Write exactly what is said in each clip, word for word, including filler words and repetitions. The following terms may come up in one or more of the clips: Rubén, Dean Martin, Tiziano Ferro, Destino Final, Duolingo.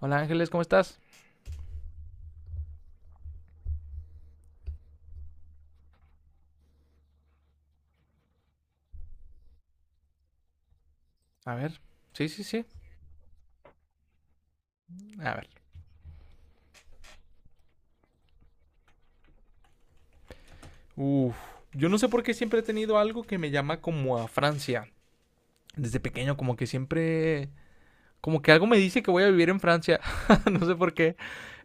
Hola Ángeles, ¿cómo estás? A ver. Sí, sí, sí. A ver. Uf. Yo no sé por qué siempre he tenido algo que me llama como a Francia. Desde pequeño, como que siempre. Como que algo me dice que voy a vivir en Francia. No sé por qué.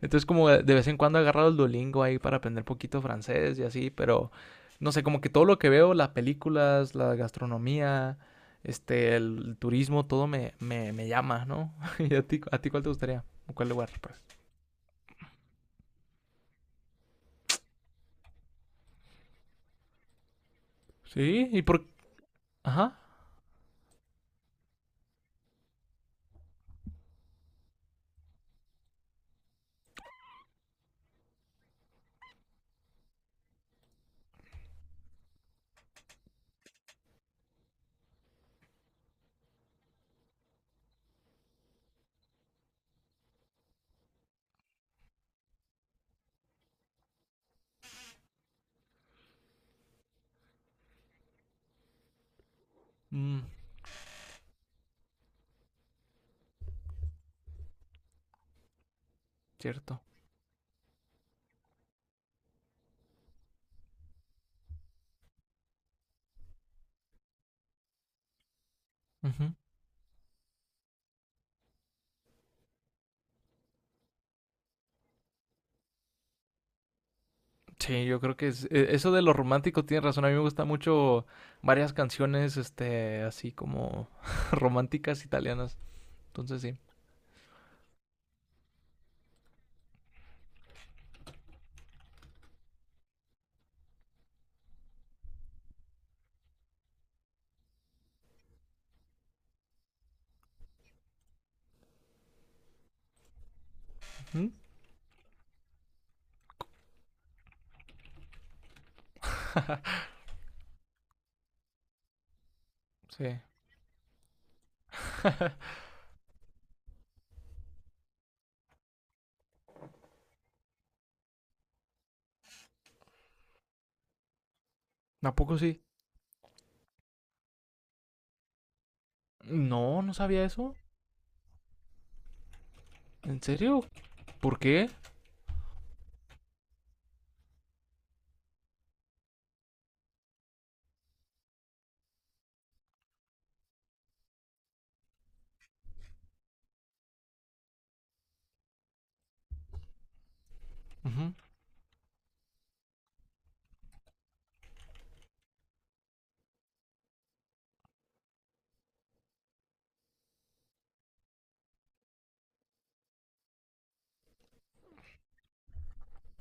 Entonces, como de vez en cuando he agarrado el Duolingo ahí para aprender poquito francés y así, pero no sé, como que todo lo que veo, las películas, la gastronomía, este, el el turismo, todo me, me, me llama, ¿no? ¿Y a ti, a ti cuál te gustaría? ¿O cuál lugar, pues? Sí, ¿y por... ajá. Mm. Cierto. Ujú. Sí, yo creo que es, e- eso de lo romántico tiene razón. A mí me gusta mucho varias canciones, este, así como románticas italianas. Entonces sí. Ujú. Sí. ¿A poco sí? No, no sabía eso. ¿En serio? ¿Por qué? Ujú.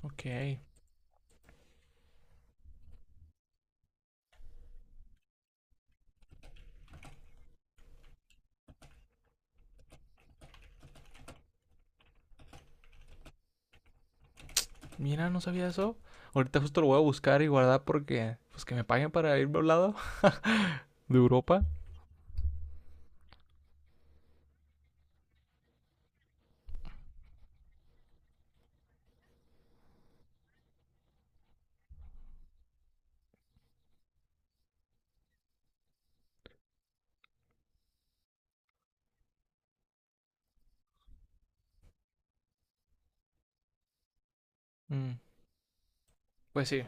Ok. Mira, no sabía eso. Ahorita justo lo voy a buscar y guardar porque, pues que me paguen para irme a un lado de Europa. Mm. Pues sí.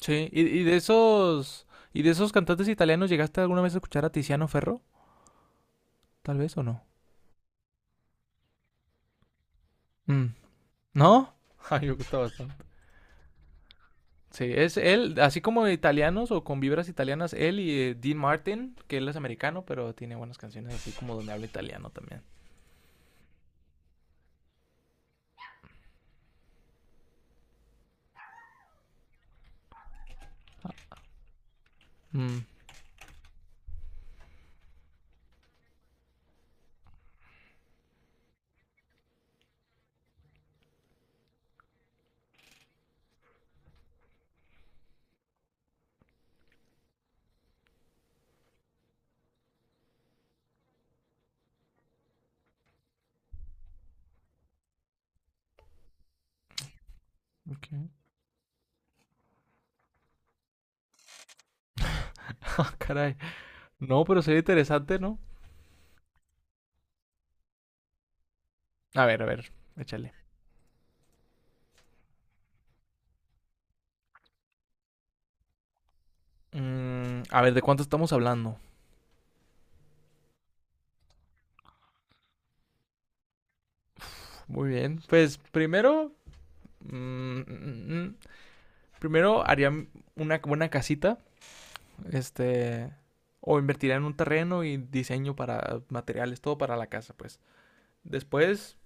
Sí, y, y de esos, ¿Y de esos cantantes italianos, llegaste alguna vez a escuchar a Tiziano Ferro? Tal vez o no. Mm. ¿No? Ay, me gusta bastante. Sí, es él, así como italianos o con vibras italianas, él y eh, Dean Martin, que él es americano, pero tiene buenas canciones así como donde habla italiano también. Mm, ok. Caray. No, pero sería interesante, ¿no? A ver, a ver, échale. Mm, a ver, ¿de cuánto estamos hablando? Muy bien. Pues primero, mm, mm, mm, mm, primero haría una buena casita. Este, o invertiría en un terreno y diseño para materiales, todo para la casa, pues. Después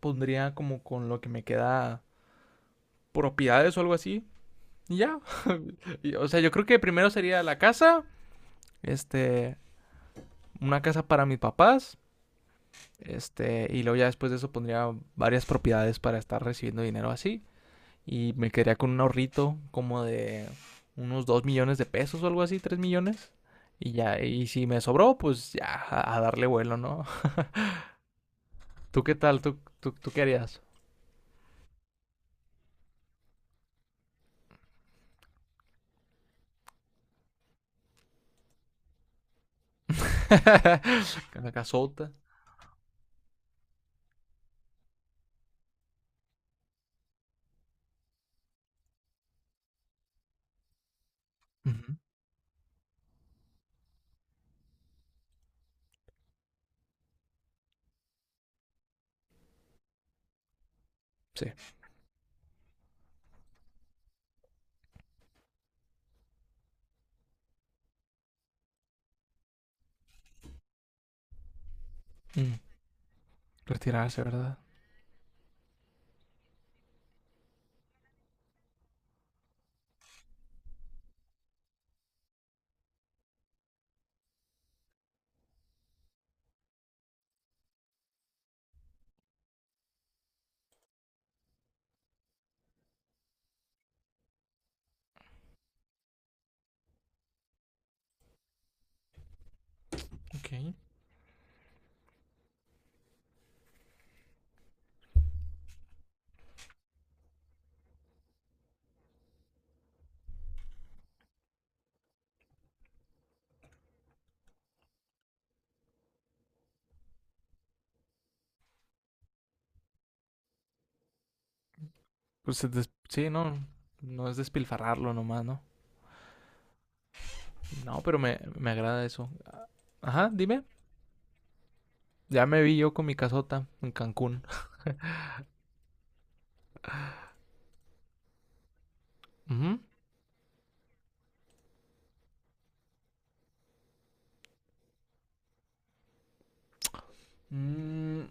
pondría, como con lo que me queda, propiedades o algo así. Y ya. Y, o sea, yo creo que primero sería la casa, este, una casa para mis papás, este, y luego ya después de eso pondría varias propiedades para estar recibiendo dinero así. Y me quedaría con un ahorrito como de unos dos millones de pesos o algo así, tres millones. Y ya, y si me sobró, pues ya a darle vuelo, ¿no? ¿Tú qué tal? ¿Tú, tú, tú qué harías? La casota. Ujú. Sí. Mm. Retirarse, ¿verdad? Ok. Pues eh, des- sí, no. No es despilfarrarlo nomás, ¿no? No, pero me, me agrada eso. Ajá, dime. Ya me vi yo con mi casota en Cancún. Ujú. Mm,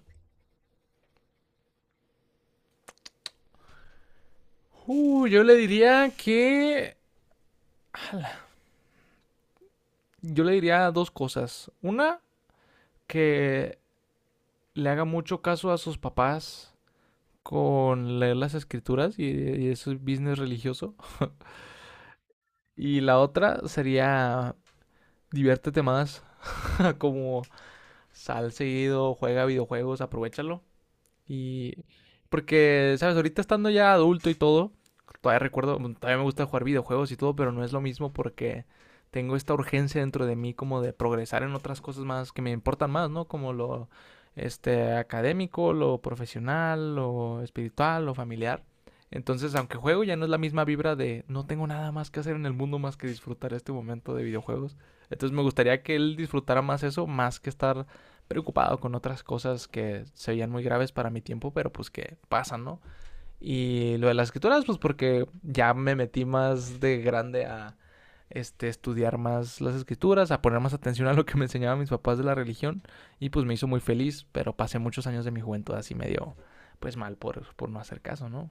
uh, yo le diría que... yo le diría dos cosas. Una, que le haga mucho caso a sus papás con leer las escrituras y, y ese business religioso. Y la otra sería: diviértete más, como sal seguido, juega videojuegos, aprovechalo. Y porque, ¿sabes? Ahorita estando ya adulto y todo, todavía recuerdo, bueno, todavía me gusta jugar videojuegos y todo, pero no es lo mismo porque tengo esta urgencia dentro de mí como de progresar en otras cosas más que me importan más, ¿no? Como lo, este, académico, lo profesional, lo espiritual, lo familiar. Entonces, aunque juego, ya no es la misma vibra de no tengo nada más que hacer en el mundo más que disfrutar este momento de videojuegos. Entonces, me gustaría que él disfrutara más eso, más que estar preocupado con otras cosas que se veían muy graves para mi tiempo, pero pues que pasan, ¿no? Y lo de las escrituras, pues porque ya me metí más de grande a, este, estudiar más las escrituras, a poner más atención a lo que me enseñaban mis papás de la religión y pues me hizo muy feliz, pero pasé muchos años de mi juventud así medio, pues, mal por, por no hacer caso, ¿no?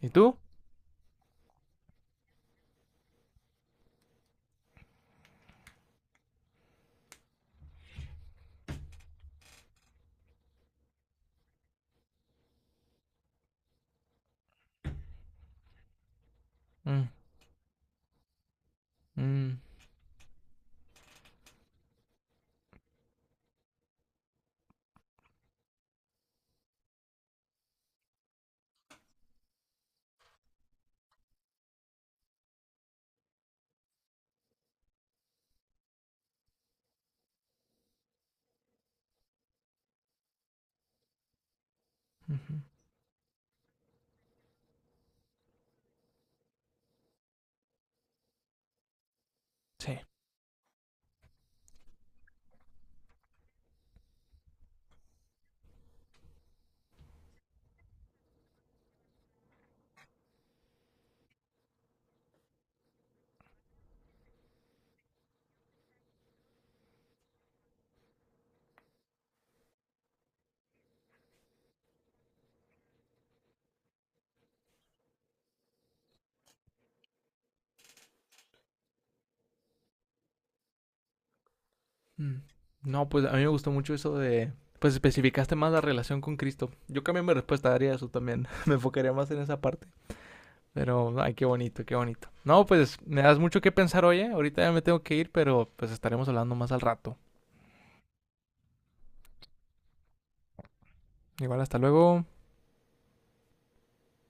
¿Y tú? Mm, mm, mm, sí. Mm. No, pues a mí me gustó mucho eso de, pues, especificaste más la relación con Cristo. Yo cambié mi respuesta, haría eso también. Me enfocaría más en esa parte. Pero, ay, qué bonito, qué bonito. No, pues me das mucho que pensar, oye. Ahorita ya me tengo que ir, pero pues estaremos hablando más al rato. Igual, hasta luego.